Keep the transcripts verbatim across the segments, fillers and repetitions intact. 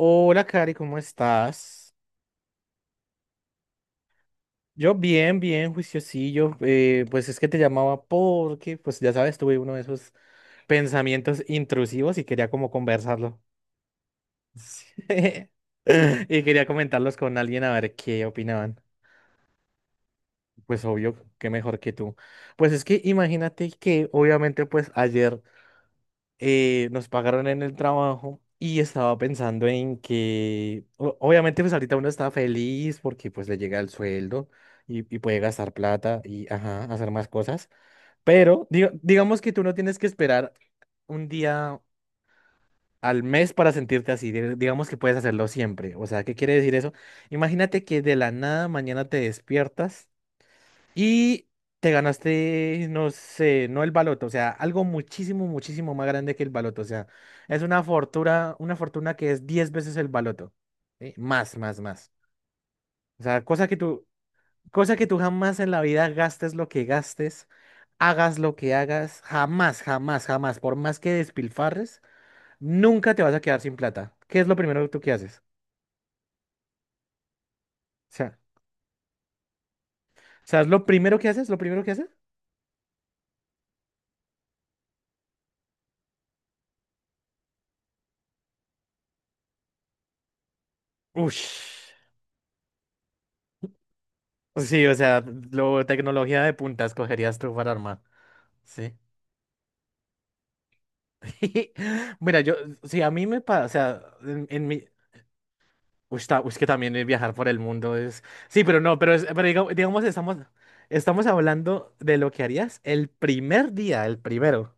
Hola, Cari, ¿cómo estás? Yo bien, bien, juiciosillo. Eh, pues es que te llamaba porque, pues ya sabes, tuve uno de esos pensamientos intrusivos y quería como conversarlo. Sí. Y quería comentarlos con alguien a ver qué opinaban. Pues obvio, qué mejor que tú. Pues es que imagínate que obviamente pues ayer eh, nos pagaron en el trabajo y estaba pensando en que, o- obviamente, pues ahorita uno está feliz porque pues le llega el sueldo y, y puede gastar plata y, ajá, hacer más cosas, pero diga- digamos que tú no tienes que esperar un día al mes para sentirte así, di- digamos que puedes hacerlo siempre, o sea, ¿qué quiere decir eso? Imagínate que de la nada mañana te despiertas. Y te ganaste, no sé, no el baloto, o sea, algo muchísimo, muchísimo más grande que el baloto. O sea, es una fortuna, una fortuna que es diez veces el baloto. ¿Sí? Más, más, más. O sea, cosa que tú, Cosa que tú jamás en la vida gastes lo que gastes, hagas lo que hagas, jamás, jamás, jamás, por más que despilfarres, nunca te vas a quedar sin plata. ¿Qué es lo primero que tú que haces? O sea, ¿sabes lo primero que haces? ¿Lo primero que haces? Ush. Pues sí, o sea, lo, tecnología de punta escogerías tú para armar. Sí. Mira, yo, sí, a mí me pasa, o sea, en, en mi. Uy, está- uy, es que también el viajar por el mundo es. Sí, pero no, pero, es, pero diga- digamos, estamos, estamos hablando de lo que harías el primer día, el primero.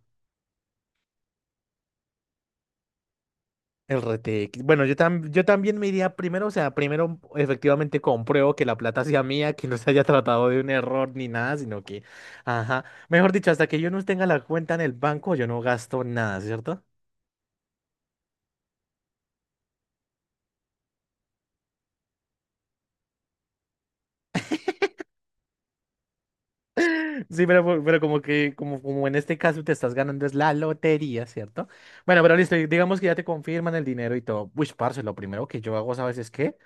El R T X. Bueno, yo, tam- yo también me iría primero, o sea, primero efectivamente compruebo que la plata sea mía, que no se haya tratado de un error ni nada, sino que, ajá, mejor dicho, hasta que yo no tenga la cuenta en el banco, yo no gasto nada, ¿cierto? Sí, pero, po- pero como que, como, como en este caso te estás ganando es la lotería, ¿cierto? Bueno, pero listo, y digamos que ya te confirman el dinero y todo. Uy, parce, lo primero que yo hago, ¿sabes es qué?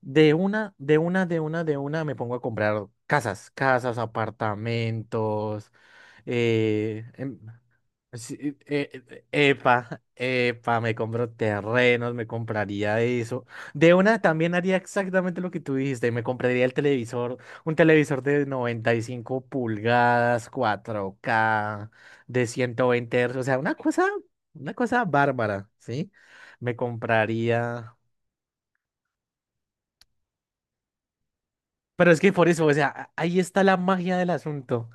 De una, de una, de una, de una me pongo a comprar casas, casas, apartamentos. Eh, em, sí, eh, eh, eh, epa, epa, me compro terrenos, me compraría eso. De una también haría exactamente lo que tú dijiste, me compraría el televisor, un televisor de noventa y cinco pulgadas, cuatro k de ciento veinte Hz, o sea, una cosa, una cosa bárbara, ¿sí? Me compraría. Pero es que por eso, o sea, ahí está la magia del asunto.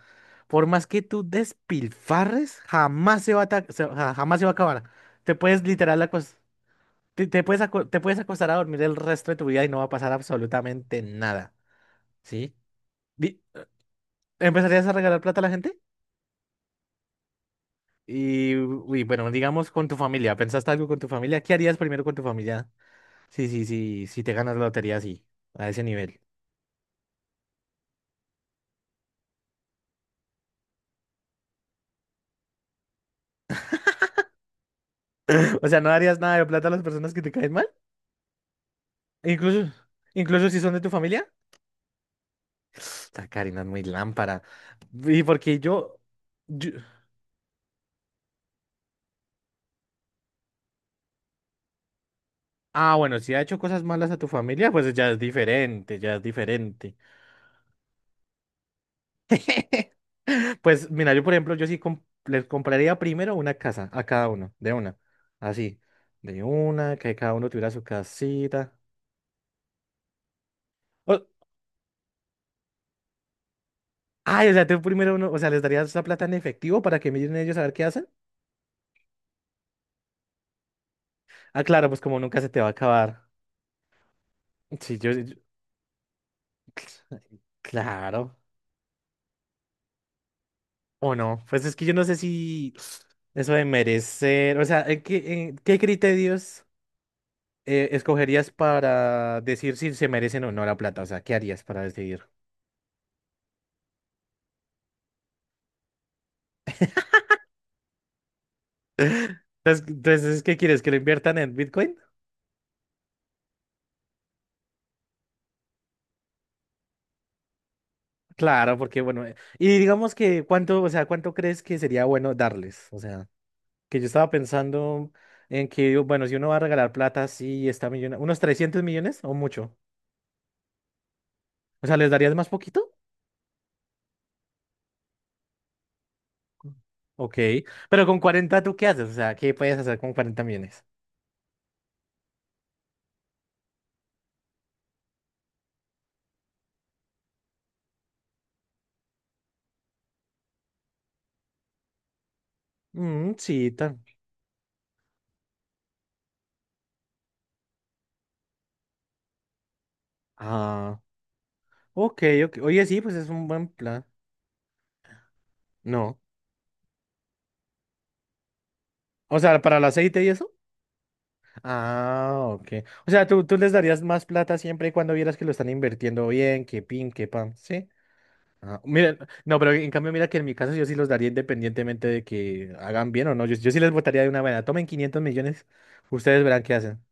Por más que tú despilfarres, jamás se va a, ta- se- ja- jamás se va a acabar. Te puedes literal acos- te, Te puedes aco- te puedes acostar a dormir el resto de tu vida y no va a pasar absolutamente nada, ¿sí? Di- ¿Empezarías a regalar plata a la gente? Y, uy, bueno, digamos con tu familia. ¿Pensaste algo con tu familia? ¿Qué harías primero con tu familia? Sí, sí, sí, si te ganas la lotería así, a ese nivel. O sea, ¿no darías nada de plata a las personas que te caen mal? Incluso, incluso si son de tu familia. Esta Karina es muy lámpara. Y porque yo, yo- Ah, bueno, si ha hecho cosas malas a tu familia, pues ya es diferente, ya es diferente. Pues mira, yo por ejemplo, yo sí com- les compraría primero una casa a cada uno, de una. Así, de una, que cada uno tuviera su casita. O- ay, o sea, tú primero uno, o sea, les darías la plata en efectivo para que miren ellos a ver qué hacen. Ah, claro, pues como nunca se te va a acabar. Sí, yo, yo- claro. O no, pues es que yo no sé si eso de merecer, o sea, eh, ¿qué, eh, ¿qué criterios eh, escogerías para decir si se merecen o no la plata? O sea, ¿qué harías para decidir? Entonces, entonces, ¿qué quieres? ¿Que lo inviertan en Bitcoin? Claro, porque bueno, eh, y digamos que cuánto, o sea, ¿cuánto crees que sería bueno darles? O sea, que yo estaba pensando en que, bueno, si uno va a regalar plata, sí, está millona, unos trescientos millones o mucho. O sea, ¿les darías más poquito? Ok, pero con cuarenta ¿tú qué haces? O sea, ¿qué puedes hacer con cuarenta millones? Mm, sí, tan. Ok, ok. Oye, sí, pues es un buen plan. No. O sea, para el aceite y eso. Ah, ok. O sea, tú, tú les darías más plata siempre y cuando vieras que lo están invirtiendo bien, que pin, que pan, ¿sí? Ah, mira, no, pero en cambio, mira que en mi caso yo sí los daría independientemente de que hagan bien o no. Yo, yo sí les votaría de una manera. Tomen quinientos millones, ustedes verán qué hacen.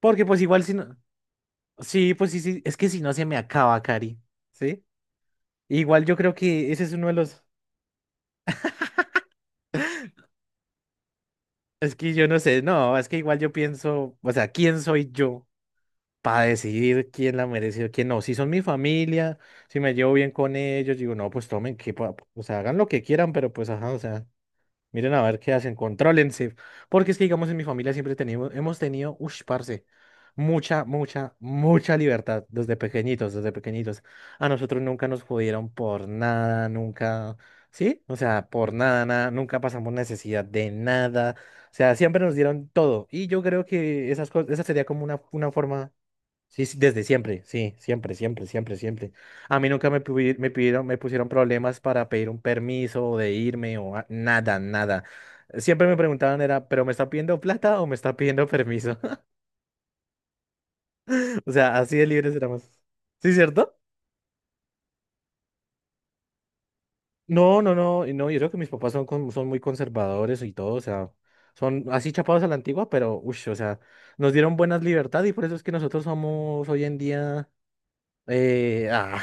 Porque pues igual si no... Sí, pues sí, sí. Es que si no se me acaba, Cari. ¿Sí? Igual yo creo que ese es uno de los... Es que yo no sé, no, es que igual yo pienso, o sea, ¿quién soy yo para decidir quién la merece o quién no? Si son mi familia, si me llevo bien con ellos, digo, no, pues tomen, que, pa- o sea, hagan lo que quieran, pero pues, ajá, o sea. Miren a ver qué hacen, contrólense. Porque es que, digamos, en mi familia siempre tenemos, hemos tenido, ush, parce, mucha, mucha, mucha libertad desde pequeñitos, desde pequeñitos. A nosotros nunca nos jodieron por nada, nunca, ¿sí? O sea, por nada, nada, nunca pasamos necesidad de nada. O sea, siempre nos dieron todo. Y yo creo que esas cosas, esa sería como una, una forma. Sí, sí, desde siempre, sí, siempre, siempre, siempre, siempre. A mí nunca me, pudi- me pidieron, me pusieron problemas para pedir un permiso o de irme o a- nada, nada. Siempre me preguntaban era, ¿pero me está pidiendo plata o me está pidiendo permiso? O sea, así de libres éramos. ¿Sí, cierto? No, no, no, y no, yo creo que mis papás son, con- son muy conservadores y todo, o sea, son así chapados a la antigua, pero, uff, o sea, nos dieron buenas libertades y por eso es que nosotros somos hoy en día, eh, ah,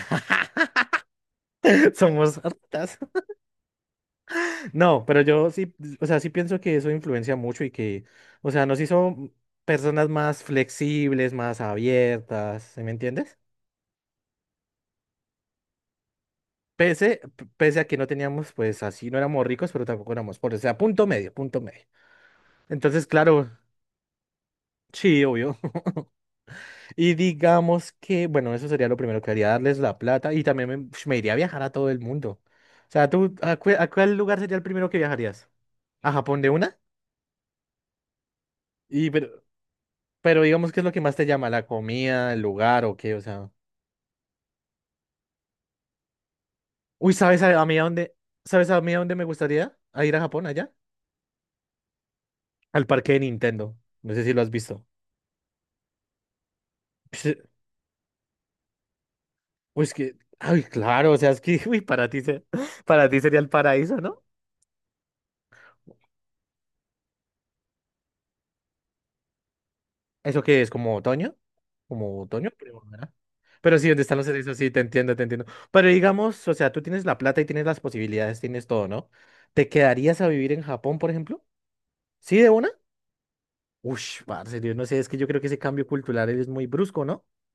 somos hartas. No, pero yo sí, o sea, sí pienso que eso influencia mucho y que, o sea, nos hizo personas más flexibles, más abiertas, ¿sí me entiendes? Pese, pese a que no teníamos, pues así, no éramos ricos, pero tampoco éramos pobres, o sea, punto medio, punto medio. Entonces, claro, sí, obvio. Y digamos que, bueno, eso sería lo primero que haría, darles la plata y también me, ush, me iría a viajar a todo el mundo. O sea, ¿tú a, cue- a cuál lugar sería el primero que viajarías? ¿A Japón de una? Y pero, Pero digamos, ¿qué es lo que más te llama? ¿La comida, el lugar o qué? O sea. Uy, ¿sabes a, a mí a dónde? ¿Sabes a mí a dónde me gustaría? ¿A ir a Japón allá? Al parque de Nintendo. No sé si lo has visto. Uy, es que. Ay, claro, o sea, es que uy, para ti se- para ti sería el paraíso, ¿no? ¿Eso qué es? ¿Como otoño? Como otoño, primavera. Pero sí, ¿dónde están los cerezos? Sí, te entiendo, te entiendo. Pero digamos, o sea, tú tienes la plata y tienes las posibilidades, tienes todo, ¿no? ¿Te quedarías a vivir en Japón, por ejemplo? ¿Sí, de una? Ush, parce, Dios, no sé, es que yo creo que ese cambio cultural es muy brusco, ¿no?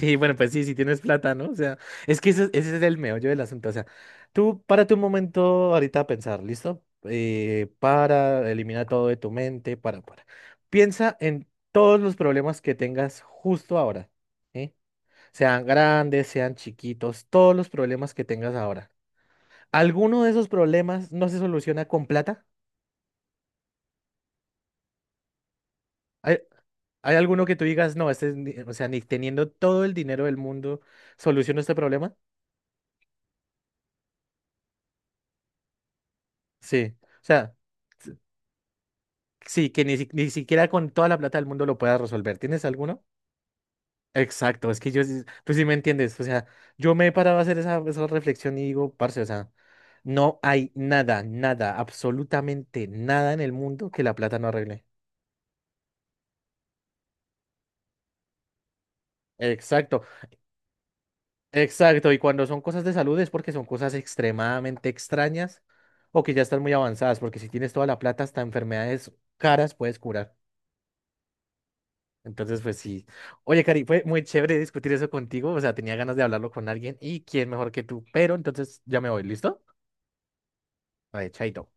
Sí, bueno, pues sí, si tienes plata, ¿no? O sea, es que ese, ese es el meollo del asunto. O sea, tú párate un momento ahorita a pensar, ¿listo? Eh, para, elimina todo de tu mente, para, para. Piensa en todos los problemas que tengas justo ahora, ¿sí? Sean grandes, sean chiquitos, todos los problemas que tengas ahora. ¿Alguno de esos problemas no se soluciona con plata? ¿Hay alguno que tú digas, no, este, es ni- o sea, ni teniendo todo el dinero del mundo, soluciono este problema? Sí. O sea, s- sí, que ni, si- ni siquiera con toda la plata del mundo lo puedas resolver. ¿Tienes alguno? Exacto, es que yo, sí- tú sí me entiendes. O sea, yo me he parado a hacer esa, esa reflexión y digo, parce, o sea, no hay nada, nada, absolutamente nada en el mundo que la plata no arregle. Exacto. Exacto, y cuando son cosas de salud es porque son cosas extremadamente extrañas o que ya están muy avanzadas, porque si tienes toda la plata, hasta enfermedades caras puedes curar. Entonces, pues sí. Oye, Cari, fue muy chévere discutir eso contigo, o sea, tenía ganas de hablarlo con alguien y quién mejor que tú, pero entonces ya me voy, ¿listo? Vale, chaito.